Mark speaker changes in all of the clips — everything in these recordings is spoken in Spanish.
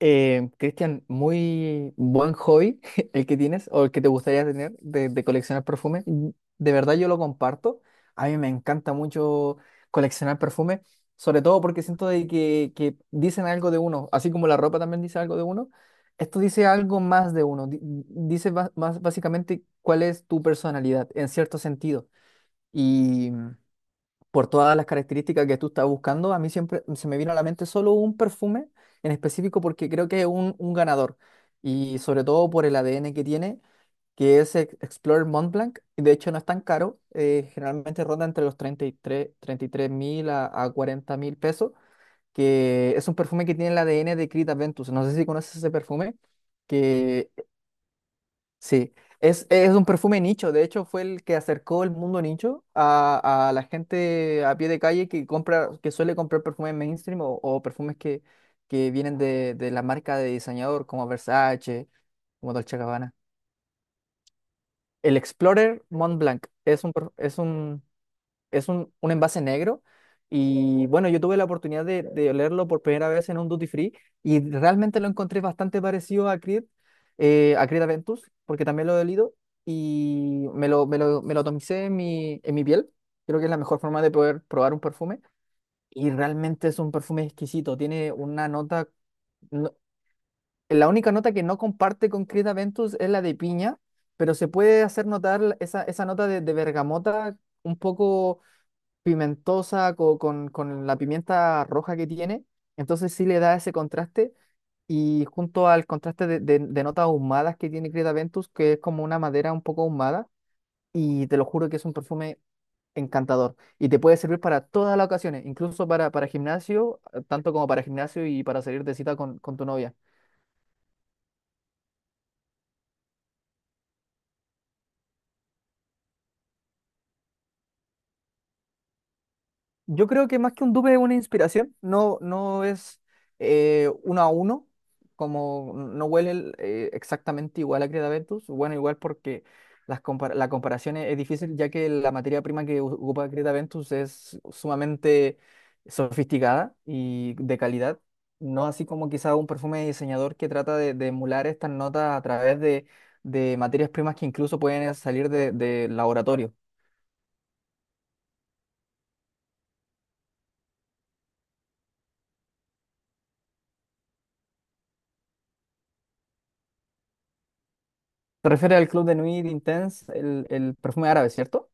Speaker 1: Cristian, muy buen hobby el que tienes o el que te gustaría tener de coleccionar perfumes. De verdad yo lo comparto. A mí me encanta mucho coleccionar perfumes, sobre todo porque siento de que dicen algo de uno, así como la ropa también dice algo de uno. Esto dice algo más de uno, más básicamente cuál es tu personalidad en cierto sentido por todas las características que tú estás buscando. A mí siempre se me vino a la mente solo un perfume en específico porque creo que es un ganador y sobre todo por el ADN que tiene, que es Explorer Montblanc, y de hecho no es tan caro. Generalmente ronda entre los 33 mil a, 40 mil pesos, que es un perfume que tiene el ADN de Creed Aventus. No sé si conoces ese perfume, que sí, es un perfume nicho. De hecho fue el que acercó el mundo nicho a, la gente a pie de calle que compra, que suele comprar perfumes mainstream o perfumes que vienen de la marca de diseñador como Versace, como Dolce Gabbana. El Explorer Mont Blanc es un, per- es un envase negro y bueno, yo tuve la oportunidad de olerlo por primera vez en un duty free y realmente lo encontré bastante parecido a Creed Aventus, porque también lo he olido y me lo atomicé en en mi piel. Creo que es la mejor forma de poder probar un perfume y realmente es un perfume exquisito. Tiene una nota, no- la única nota que no comparte con Creed Aventus es la de piña, pero se puede hacer notar esa nota de bergamota un poco pimentosa con la pimienta roja que tiene. Entonces sí le da ese contraste y junto al contraste de notas ahumadas que tiene Creta Ventus, que es como una madera un poco ahumada. Y te lo juro que es un perfume encantador y te puede servir para todas las ocasiones, incluso para gimnasio, tanto como para gimnasio y para salir de cita con tu novia. Yo creo que más que un dupe es una inspiración, no, no es uno a uno, como no huele exactamente igual a Cretaventus. Bueno, igual porque la comparación es difícil, ya que la materia prima que ocupa Cretaventus es sumamente sofisticada y de calidad, no así como quizá un perfume de diseñador que trata de emular estas notas a través de materias primas que incluso pueden salir de laboratorio. Te refieres al Club de Nuit Intense, el perfume árabe, ¿cierto?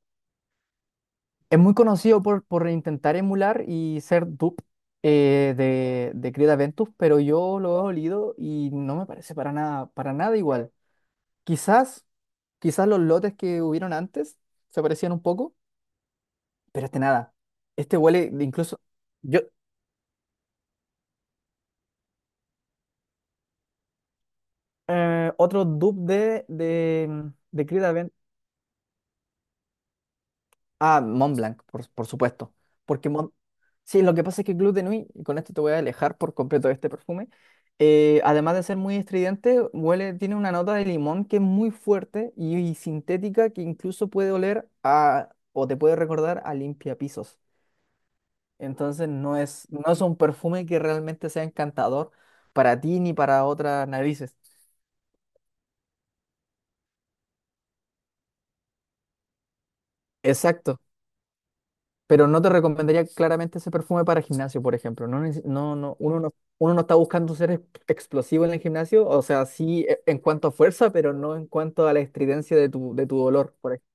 Speaker 1: Es muy conocido por intentar emular y ser dupe de Creed Aventus, pero yo lo he olido y no me parece para nada igual. Quizás, quizás los lotes que hubieron antes se parecían un poco, pero este nada. Este huele de incluso. Yo, otro dupe de Creed Ah, Mont Blanc, por supuesto. Porque Mont... Sí, lo que pasa es que Club de Nuit, y con esto te voy a alejar por completo de este perfume. Además de ser muy estridente, huele, tiene una nota de limón que es muy fuerte y sintética, que incluso puede oler a, o te puede recordar a limpiapisos. Entonces no es un perfume que realmente sea encantador para ti ni para otras narices. Exacto. Pero no te recomendaría claramente ese perfume para gimnasio, por ejemplo. No, uno no está buscando ser explosivo en el gimnasio, o sea, sí en cuanto a fuerza, pero no en cuanto a la estridencia de de tu dolor, por ejemplo.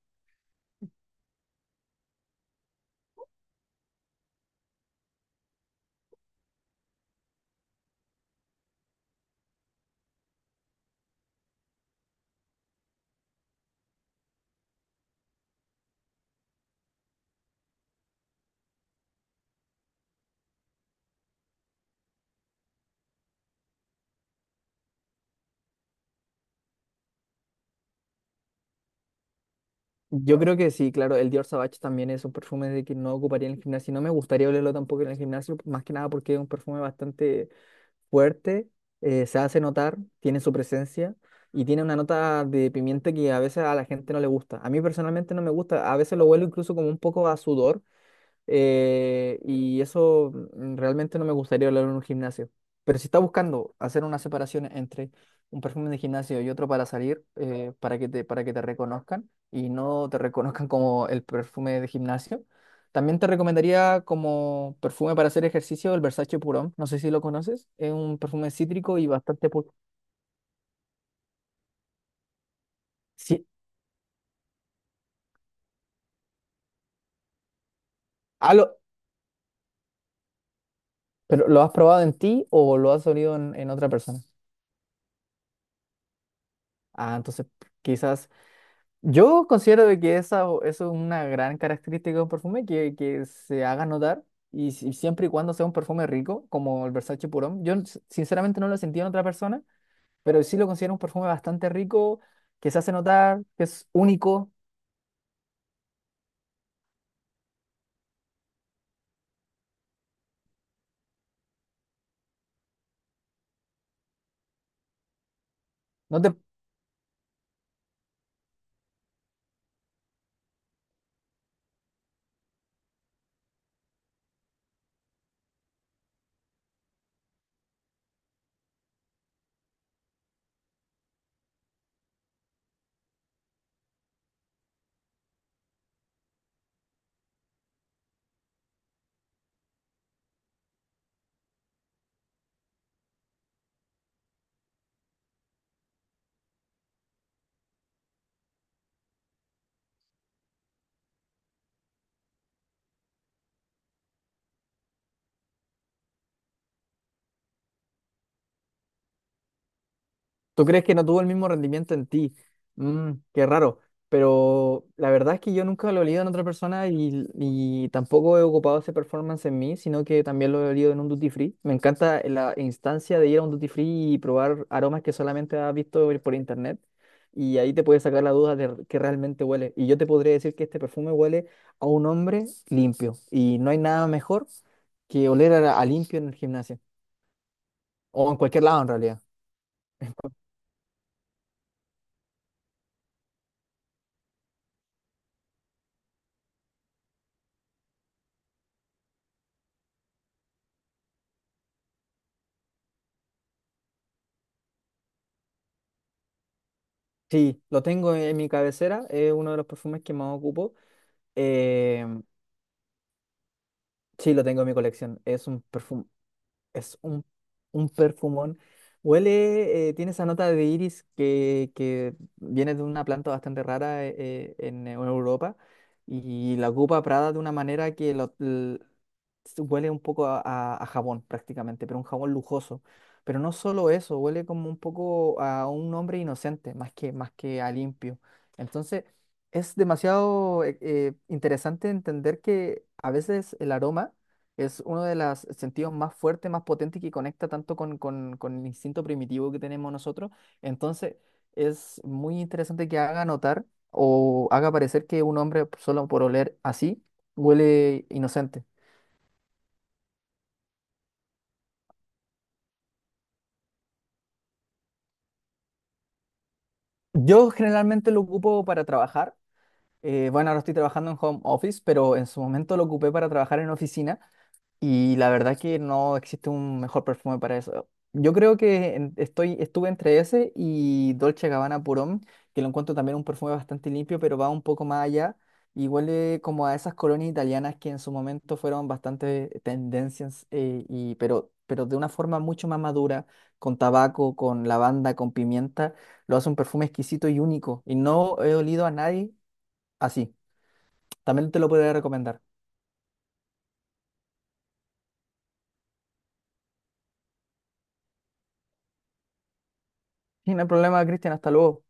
Speaker 1: Yo creo que sí, claro, el Dior Sauvage también es un perfume de que no ocuparía en el gimnasio. No me gustaría olerlo tampoco en el gimnasio, más que nada porque es un perfume bastante fuerte. Se hace notar, tiene su presencia y tiene una nota de pimienta que a veces a la gente no le gusta. A mí personalmente no me gusta, a veces lo huelo incluso como un poco a sudor, y eso realmente no me gustaría hablar en un gimnasio. Pero si está buscando hacer una separación entre un perfume de gimnasio y otro para salir, para que te reconozcan y no te reconozcan como el perfume de gimnasio, también te recomendaría como perfume para hacer ejercicio el Versace Purón. No sé si lo conoces. Es un perfume cítrico y bastante... Sí. Ah, lo- ¿Pero lo has probado en ti o lo has olido en otra persona? Ah, entonces quizás yo considero de que esa, eso es una gran característica de un perfume, que se haga notar, y, siempre y cuando sea un perfume rico, como el Versace Purón. Yo sinceramente no lo he sentido en otra persona, pero sí lo considero un perfume bastante rico, que se hace notar, que es único. No te, ¿Tú crees que no tuvo el mismo rendimiento en ti? Mm, qué raro. Pero la verdad es que yo nunca lo he leído en otra persona y tampoco he ocupado ese performance en mí, sino que también lo he leído en un duty free. Me encanta la instancia de ir a un duty free y probar aromas que solamente has visto por internet. Y ahí te puedes sacar la duda de que realmente huele. Y yo te podría decir que este perfume huele a un hombre limpio. Y no hay nada mejor que oler a, limpio en el gimnasio. O en cualquier lado en realidad. Sí, lo tengo en mi cabecera, es uno de los perfumes que más ocupo. Eh, sí, lo tengo en mi colección. Es un perfume, es un, un perfumón. Huele, tiene esa nota de iris que viene de una planta bastante rara, en Europa, y la ocupa Prada de una manera que se huele un poco a, a jabón prácticamente, pero un jabón lujoso. Pero no solo eso, huele como un poco a un hombre inocente, más que a limpio. Entonces, es demasiado interesante entender que a veces el aroma es uno de los sentidos más fuertes, más potentes, que conecta tanto con el instinto primitivo que tenemos nosotros. Entonces, es muy interesante que haga notar o haga parecer que un hombre, solo por oler así, huele inocente. Yo generalmente lo ocupo para trabajar. Bueno, ahora estoy trabajando en home office, pero en su momento lo ocupé para trabajar en oficina. Y la verdad que no existe un mejor perfume para eso. Yo creo que estuve entre ese y Dolce Gabbana Purón, que lo encuentro también un perfume bastante limpio, pero va un poco más allá y huele como a esas colonias italianas que en su momento fueron bastante tendencias, pero de una forma mucho más madura, con tabaco, con lavanda, con pimienta, lo hace un perfume exquisito y único. Y no he olido a nadie así. También te lo podría recomendar. Y no hay problema, Cristian, hasta luego.